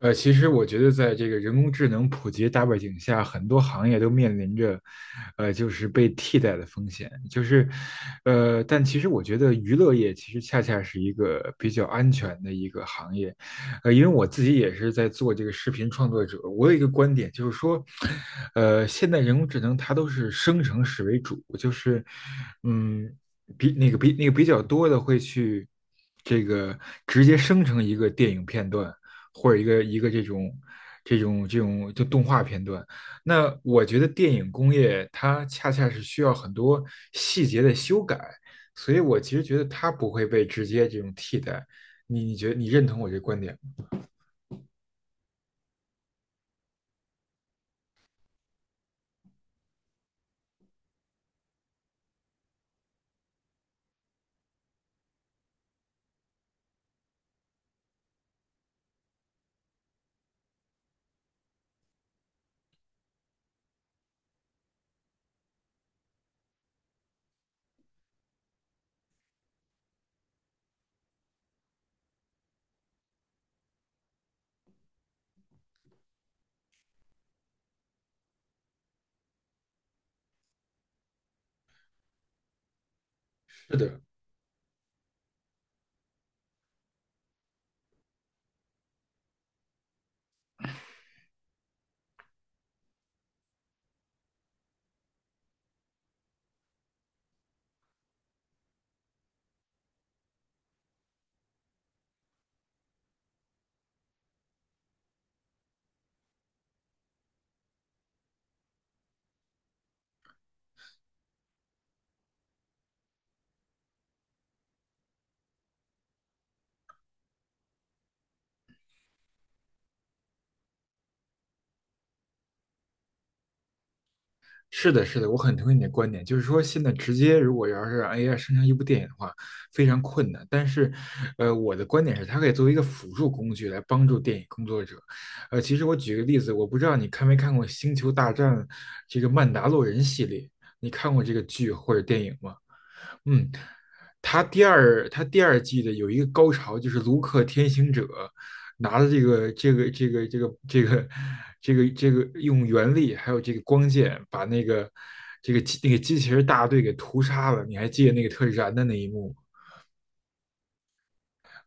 其实我觉得，在这个人工智能普及的大背景下，很多行业都面临着，就是被替代的风险。就是，但其实我觉得娱乐业其实恰恰是一个比较安全的一个行业，因为我自己也是在做这个视频创作者，我有一个观点，就是说，现在人工智能它都是生成式为主，就是，嗯，比那个比那个比较多的会去这个直接生成一个电影片段，或者一个这种就动画片段。那我觉得电影工业它恰恰是需要很多细节的修改，所以我其实觉得它不会被直接这种替代。你觉得你认同我这观点吗？是的，是的，是的，我很同意你的观点，就是说现在直接如果要是让 AI 生成一部电影的话，非常困难。但是，我的观点是，它可以作为一个辅助工具来帮助电影工作者。其实我举个例子，我不知道你看没看过《星球大战》这个《曼达洛人》系列，你看过这个剧或者电影吗？嗯，他第2季的有一个高潮，就是卢克天行者拿了这个用原力还有这个光剑把那个机器人大队给屠杀了。你还记得那个特燃的那一幕？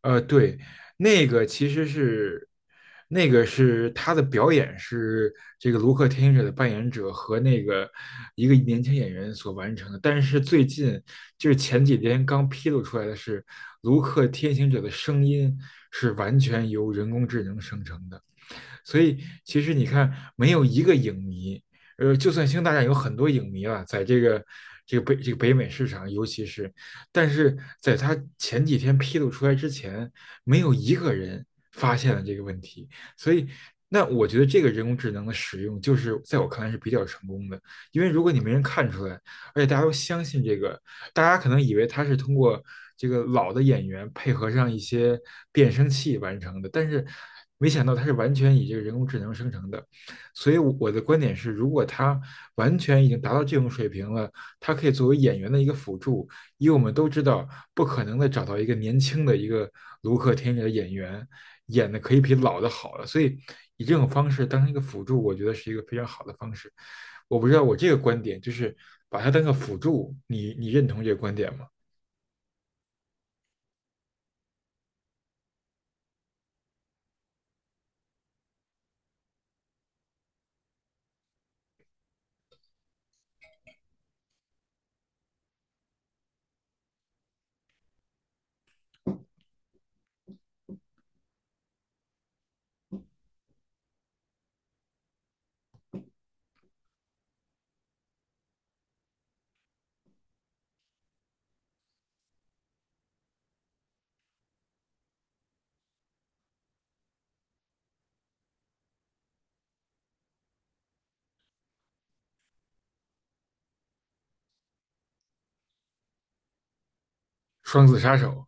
对，那个其实是，那个是他的表演是这个卢克天行者的扮演者和那个一个年轻演员所完成的。但是最近就是前几天刚披露出来的是，卢克天行者的声音是完全由人工智能生成的。所以其实你看，没有一个影迷，就算《星球大战》有很多影迷了，在这个这个北这个北美市场，尤其是，但是在他前几天披露出来之前，没有一个人发现了这个问题，所以。那我觉得这个人工智能的使用，就是在我看来是比较成功的，因为如果你没人看出来，而且大家都相信这个，大家可能以为他是通过这个老的演员配合上一些变声器完成的，但是没想到他是完全以这个人工智能生成的。所以我的观点是，如果他完全已经达到这种水平了，它可以作为演员的一个辅助，因为我们都知道，不可能的找到一个年轻的一个卢克天里的演员演的可以比老的好了，所以以这种方式当成一个辅助，我觉得是一个非常好的方式。我不知道我这个观点就是把它当个辅助，你认同这个观点吗？双子杀手。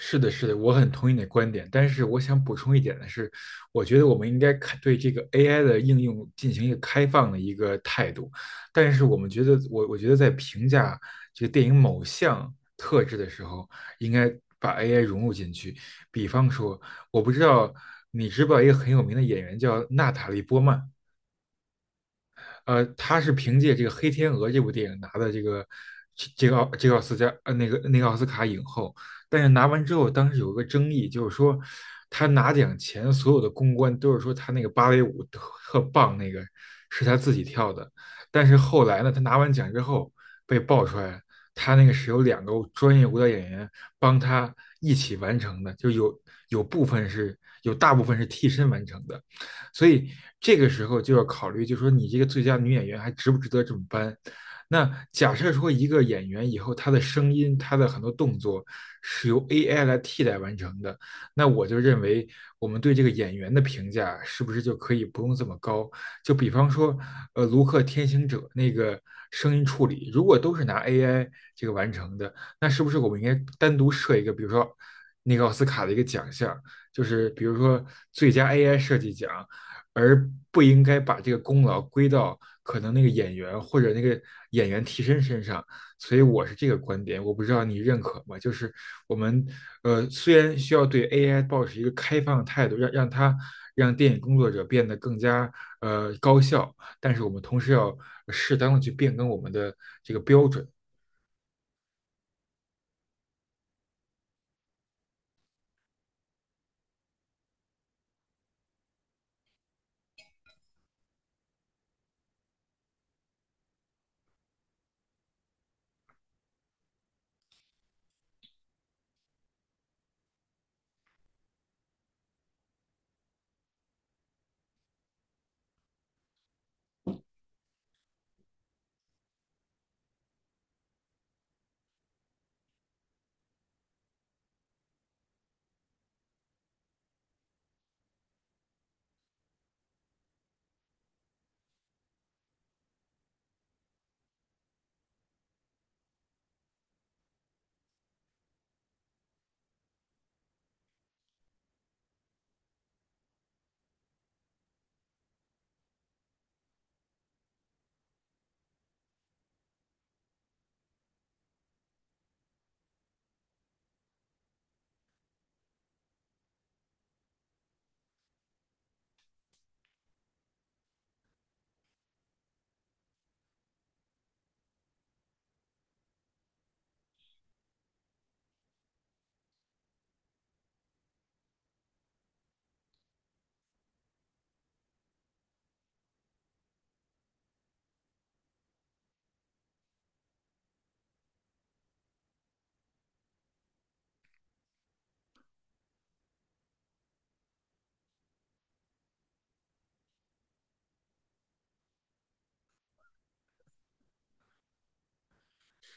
是的，是的，我很同意你的观点，但是我想补充一点的是，我觉得我们应该看对这个 AI 的应用进行一个开放的一个态度，但是我们觉得，我觉得在评价这个电影某项特质的时候，应该把 AI 融入进去。比方说，我不知道你知不知道一个很有名的演员叫娜塔莉波曼，他是凭借这个《黑天鹅》这部电影拿的这个这个奥这个奥斯加呃那个奥斯卡影后，但是拿完之后，当时有个争议，就是说他拿奖前所有的公关都是说他那个芭蕾舞特特棒，那个是他自己跳的，但是后来呢，他拿完奖之后被爆出来，他那个是有两个专业舞蹈演员帮他一起完成的，就有有部分是有大部分是替身完成的。所以这个时候就要考虑，就是说你这个最佳女演员还值不值得这么颁？那假设说一个演员以后他的声音、他的很多动作是由 AI 来替代完成的，那我就认为我们对这个演员的评价是不是就可以不用这么高？就比方说，卢克《天行者》那个声音处理，如果都是拿 AI 这个完成的，那是不是我们应该单独设一个，比如说那个奥斯卡的一个奖项，就是比如说最佳 AI 设计奖，而不应该把这个功劳归到可能那个演员或者那个演员替身身上。所以我是这个观点，我不知道你认可吗？就是我们虽然需要对 AI 保持一个开放的态度，让它让电影工作者变得更加高效，但是我们同时要适当的去变更我们的这个标准。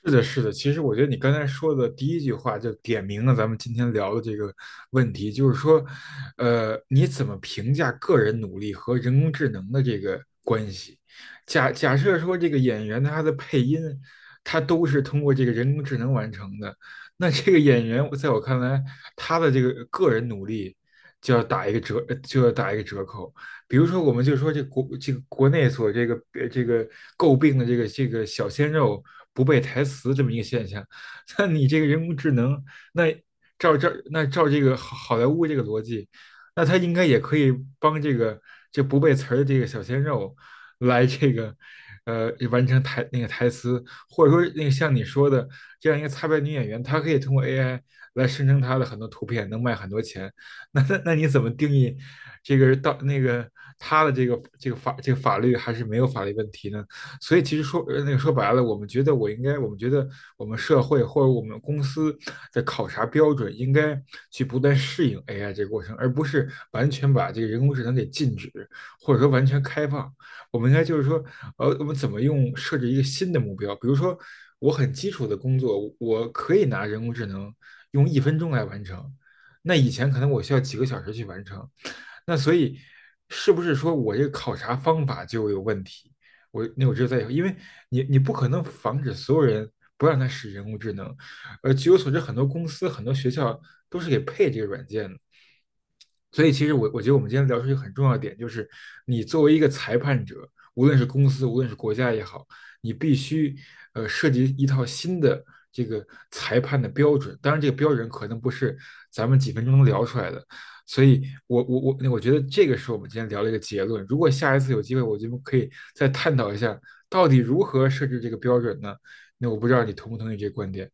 是的，是的。其实我觉得你刚才说的第一句话就点明了咱们今天聊的这个问题，就是说，你怎么评价个人努力和人工智能的这个关系？假设说这个演员他的配音，他都是通过这个人工智能完成的，那这个演员在我看来，他的这个个人努力就要打一个折，就要打一个折扣。比如说，我们就说这个国内所这个呃这个诟病的这个小鲜肉不背台词这么一个现象，那你这个人工智能，那照这个好莱坞这个逻辑，那它应该也可以帮这个这不背词儿的这个小鲜肉来这个完成台那个台词，或者说那个像你说的这样一个擦边女演员，她可以通过 AI 来生成她的很多图片，能卖很多钱。那你怎么定义这个到那个他的这个这个法这个法律还是没有法律问题呢？所以其实说说白了，我们觉得我们社会或者我们公司的考察标准应该去不断适应 AI 这个过程，而不是完全把这个人工智能给禁止，或者说完全开放。我们应该就是说，我们怎么用设置一个新的目标？比如说，我很基础的工作，我可以拿人工智能用1分钟来完成，那以前可能我需要几个小时去完成，那所以是不是说我这个考察方法就有问题？我只有在以后因为你不可能防止所有人不让他使人工智能，据我所知，很多公司很多学校都是给配这个软件的，所以，其实我觉得我们今天聊出一个很重要的点，就是你作为一个裁判者，无论是公司，无论是国家也好，你必须设计一套新的这个裁判的标准。当然，这个标准可能不是咱们几分钟能聊出来的。所以我觉得这个是我们今天聊了一个结论。如果下一次有机会，我觉得可以再探讨一下，到底如何设置这个标准呢？那我不知道你同不同意这个观点。